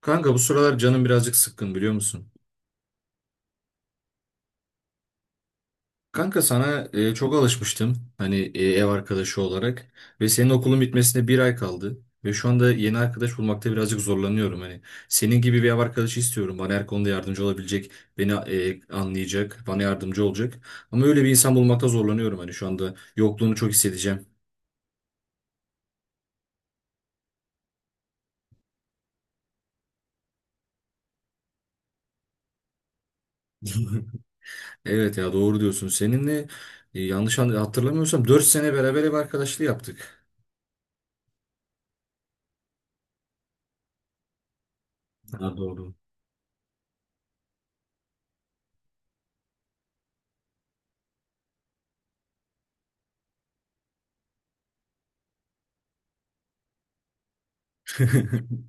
Kanka bu sıralar canım birazcık sıkkın biliyor musun? Kanka sana çok alışmıştım hani ev arkadaşı olarak ve senin okulun bitmesine bir ay kaldı ve şu anda yeni arkadaş bulmakta birazcık zorlanıyorum hani senin gibi bir ev arkadaşı istiyorum bana her konuda yardımcı olabilecek beni anlayacak bana yardımcı olacak ama öyle bir insan bulmakta zorlanıyorum hani şu anda yokluğunu çok hissedeceğim. Evet ya doğru diyorsun seninle yanlış hatırlamıyorsam 4 sene beraber ev arkadaşlığı yaptık. Ha, doğru.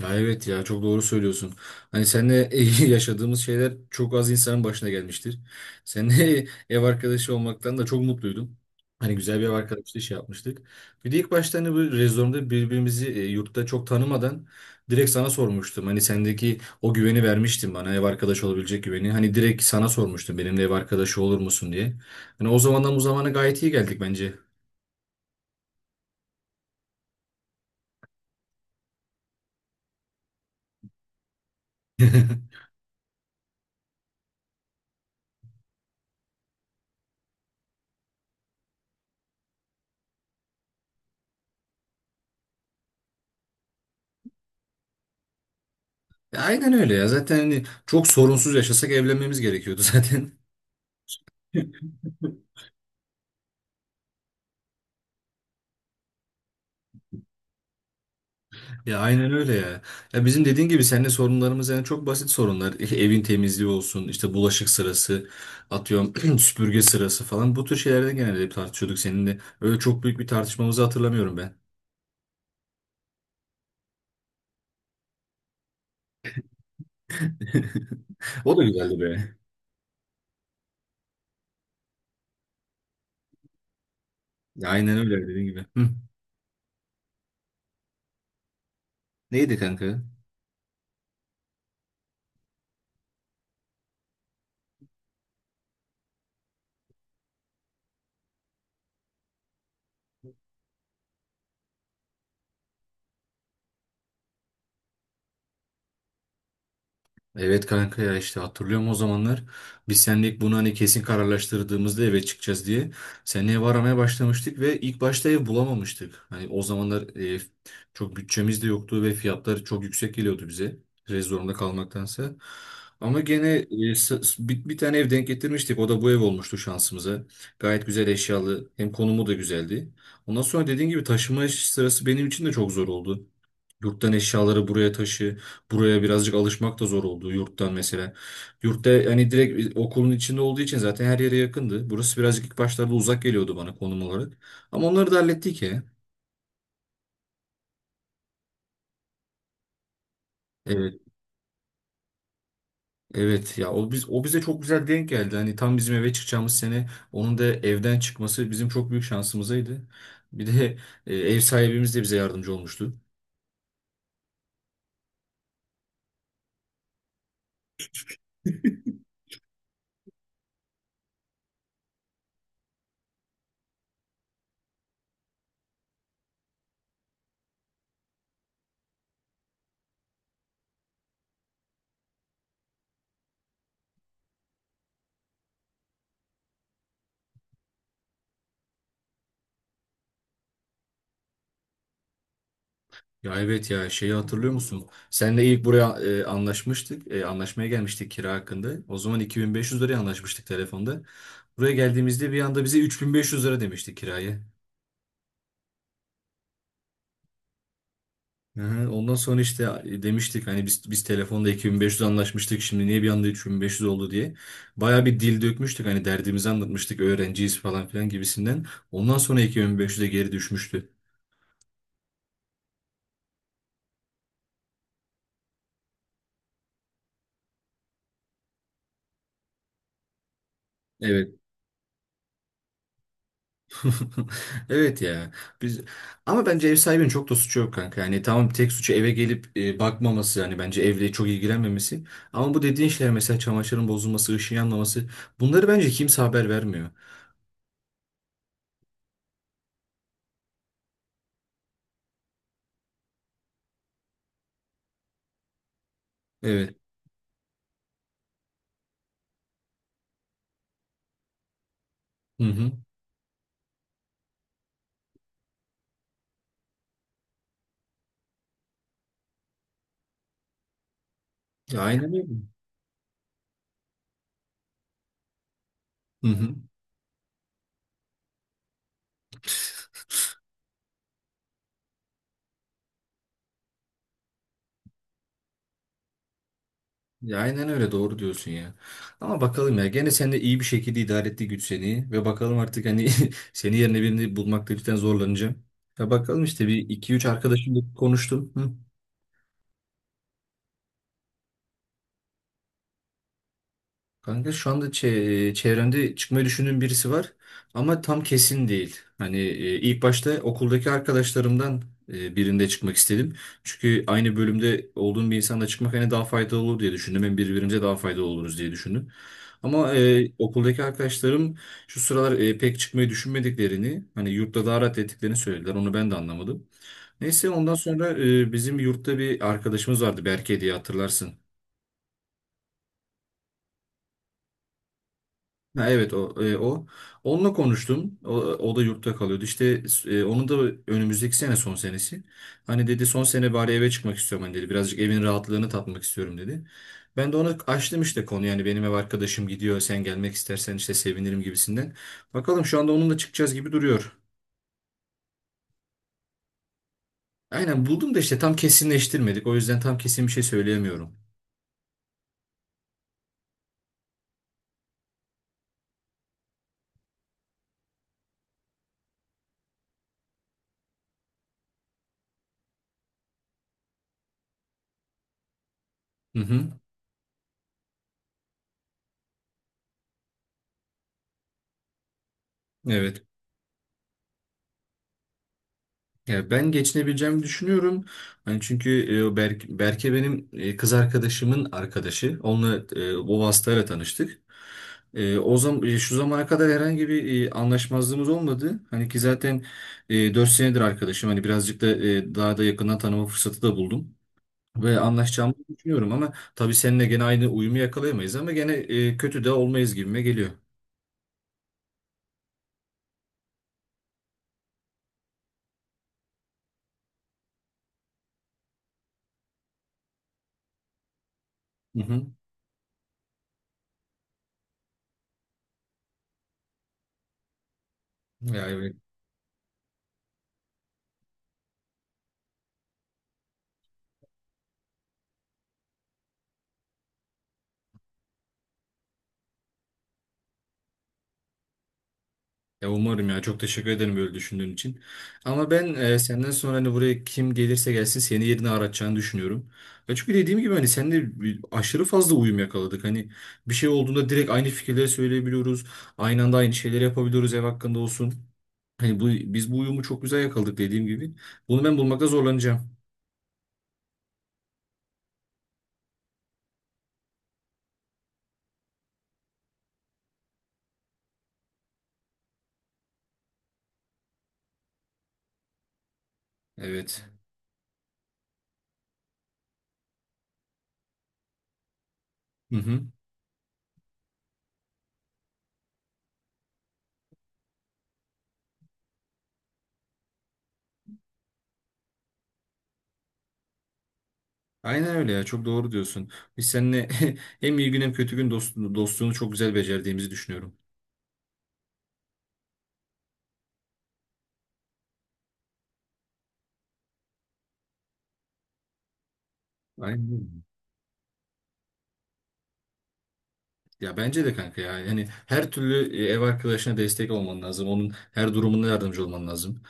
Ya evet ya çok doğru söylüyorsun. Hani seninle yaşadığımız şeyler çok az insanın başına gelmiştir. Seninle ev arkadaşı olmaktan da çok mutluydum. Hani güzel bir ev arkadaşlığı şey yapmıştık. Bir de ilk başta hani bu rezonda birbirimizi yurtta çok tanımadan direkt sana sormuştum. Hani sendeki o güveni vermiştin bana ev arkadaşı olabilecek güveni. Hani direkt sana sormuştum benimle ev arkadaşı olur musun diye. Hani o zamandan bu zamana gayet iyi geldik bence. Aynen öyle ya. Zaten hani çok sorunsuz yaşasak evlenmemiz gerekiyordu zaten. Ya aynen öyle ya. Ya bizim dediğin gibi seninle sorunlarımız yani çok basit sorunlar. Evin temizliği olsun, işte bulaşık sırası, atıyorum süpürge sırası falan. Bu tür şeylerde genelde hep tartışıyorduk seninle. Öyle çok büyük bir tartışmamızı hatırlamıyorum ben. O da güzeldi be. Ya aynen öyle dediğin gibi. Hı. Neydi kanka? Evet kanka ya işte hatırlıyorum o zamanlar biz seninle ilk bunu hani kesin kararlaştırdığımızda eve çıkacağız diye seninle ev aramaya başlamıştık ve ilk başta ev bulamamıştık. Hani o zamanlar çok bütçemiz de yoktu ve fiyatlar çok yüksek geliyordu bize Rez zorunda kalmaktansa. Ama gene bir tane ev denk getirmiştik o da bu ev olmuştu şansımıza. Gayet güzel eşyalı hem konumu da güzeldi. Ondan sonra dediğin gibi taşıma sırası benim için de çok zor oldu. Yurttan eşyaları buraya taşı. Buraya birazcık alışmak da zor oldu yurttan mesela. Yurtta hani direkt okulun içinde olduğu için zaten her yere yakındı. Burası birazcık ilk başlarda uzak geliyordu bana konum olarak. Ama onları da hallettik ya. Evet, evet ya o biz o bize çok güzel denk geldi. Hani tam bizim eve çıkacağımız sene onun da evden çıkması bizim çok büyük şansımızaydı. Bir de ev sahibimiz de bize yardımcı olmuştu. Ya evet ya şeyi hatırlıyor musun? Seninle ilk buraya anlaşmıştık. Anlaşmaya gelmiştik kira hakkında. O zaman 2500 liraya anlaşmıştık telefonda. Buraya geldiğimizde bir anda bize 3500 lira demişti kirayı. Aha, ondan sonra işte demiştik hani biz telefonda 2500 anlaşmıştık şimdi niye bir anda 3500 oldu diye. Baya bir dil dökmüştük hani derdimizi anlatmıştık öğrenciyiz falan filan gibisinden. Ondan sonra 2500'e geri düşmüştü. Evet. Evet ya. Biz ama bence ev sahibinin çok da suçu yok kanka. Yani tamam tek suçu eve gelip bakmaması yani bence evle çok ilgilenmemesi. Ama bu dediğin şeyler mesela çamaşırın bozulması, ışığın yanmaması bunları bence kimse haber vermiyor. Evet. Hı hı. Ya aynen öyle. Hı hı. Ya aynen öyle doğru diyorsun ya. Ama bakalım ya gene sen de iyi bir şekilde idare etti güç seni ve bakalım artık hani seni yerine birini bulmakta cidden zorlanacağım. Ya bakalım işte bir iki üç arkadaşımla konuştum. Hı. Kanka şu anda çevremde çıkmayı düşündüğüm birisi var ama tam kesin değil. Hani ilk başta okuldaki arkadaşlarımdan birinde çıkmak istedim. Çünkü aynı bölümde olduğum bir insanla çıkmak hani daha faydalı olur diye düşündüm. Hem birbirimize daha faydalı oluruz diye düşündüm. Ama okuldaki arkadaşlarım şu sıralar pek çıkmayı düşünmediklerini, hani yurtta daha rahat ettiklerini söylediler. Onu ben de anlamadım. Neyse ondan sonra bizim yurtta bir arkadaşımız vardı Berke diye hatırlarsın. Ha, evet o onunla konuştum. O da yurtta kalıyordu. İşte onun da önümüzdeki sene son senesi. Hani dedi son sene bari eve çıkmak istiyorum hani dedi. Birazcık evin rahatlığını tatmak istiyorum dedi. Ben de ona açtım işte konu yani benim ev arkadaşım gidiyor sen gelmek istersen işte sevinirim gibisinden. Bakalım şu anda onunla çıkacağız gibi duruyor. Aynen buldum da işte tam kesinleştirmedik. O yüzden tam kesin bir şey söyleyemiyorum. Hı hı. Evet. Ya ben geçinebileceğimi düşünüyorum. Hani çünkü Berke benim kız arkadaşımın arkadaşı. Onunla o vasıtayla tanıştık. O zaman şu zamana kadar herhangi bir anlaşmazlığımız olmadı. Hani ki zaten 4 senedir arkadaşım. Hani birazcık da daha da yakından tanıma fırsatı da buldum. Ve anlaşacağımı düşünüyorum ama tabii seninle gene aynı uyumu yakalayamayız ama gene kötü de olmayız gibime geliyor. Hı hı. Yani. Ya umarım ya çok teşekkür ederim böyle düşündüğün için. Ama ben senden sonra hani buraya kim gelirse gelsin seni yerine aratacağını düşünüyorum. Ya çünkü dediğim gibi hani seninle aşırı fazla uyum yakaladık. Hani bir şey olduğunda direkt aynı fikirleri söyleyebiliyoruz. Aynı anda aynı şeyleri yapabiliyoruz ev hakkında olsun. Hani biz bu uyumu çok güzel yakaladık dediğim gibi. Bunu ben bulmakta zorlanacağım. Evet. Hı hı. Aynen öyle ya çok doğru diyorsun. Biz seninle hem iyi gün hem kötü gün dostluğunu çok güzel becerdiğimizi düşünüyorum. Aynen. Ya bence de kanka ya. Yani her türlü ev arkadaşına destek olman lazım. Onun her durumunda yardımcı olman lazım.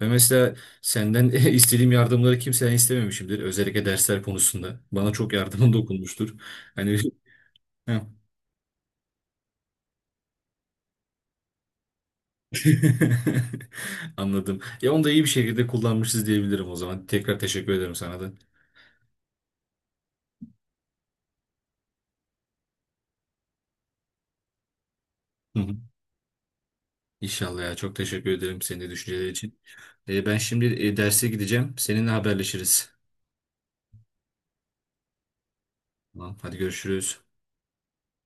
Ve mesela senden istediğim yardımları kimseden istememişimdir. Özellikle dersler konusunda. Bana çok yardımın dokunmuştur. Hani Heh. Anladım. Ya onu da iyi bir şekilde kullanmışız diyebilirim o zaman. Tekrar teşekkür ederim sana da. Hı hı. İnşallah ya. Çok teşekkür ederim senin de düşünceleri için. Ben şimdi derse gideceğim. Seninle haberleşiriz. Tamam, hadi görüşürüz.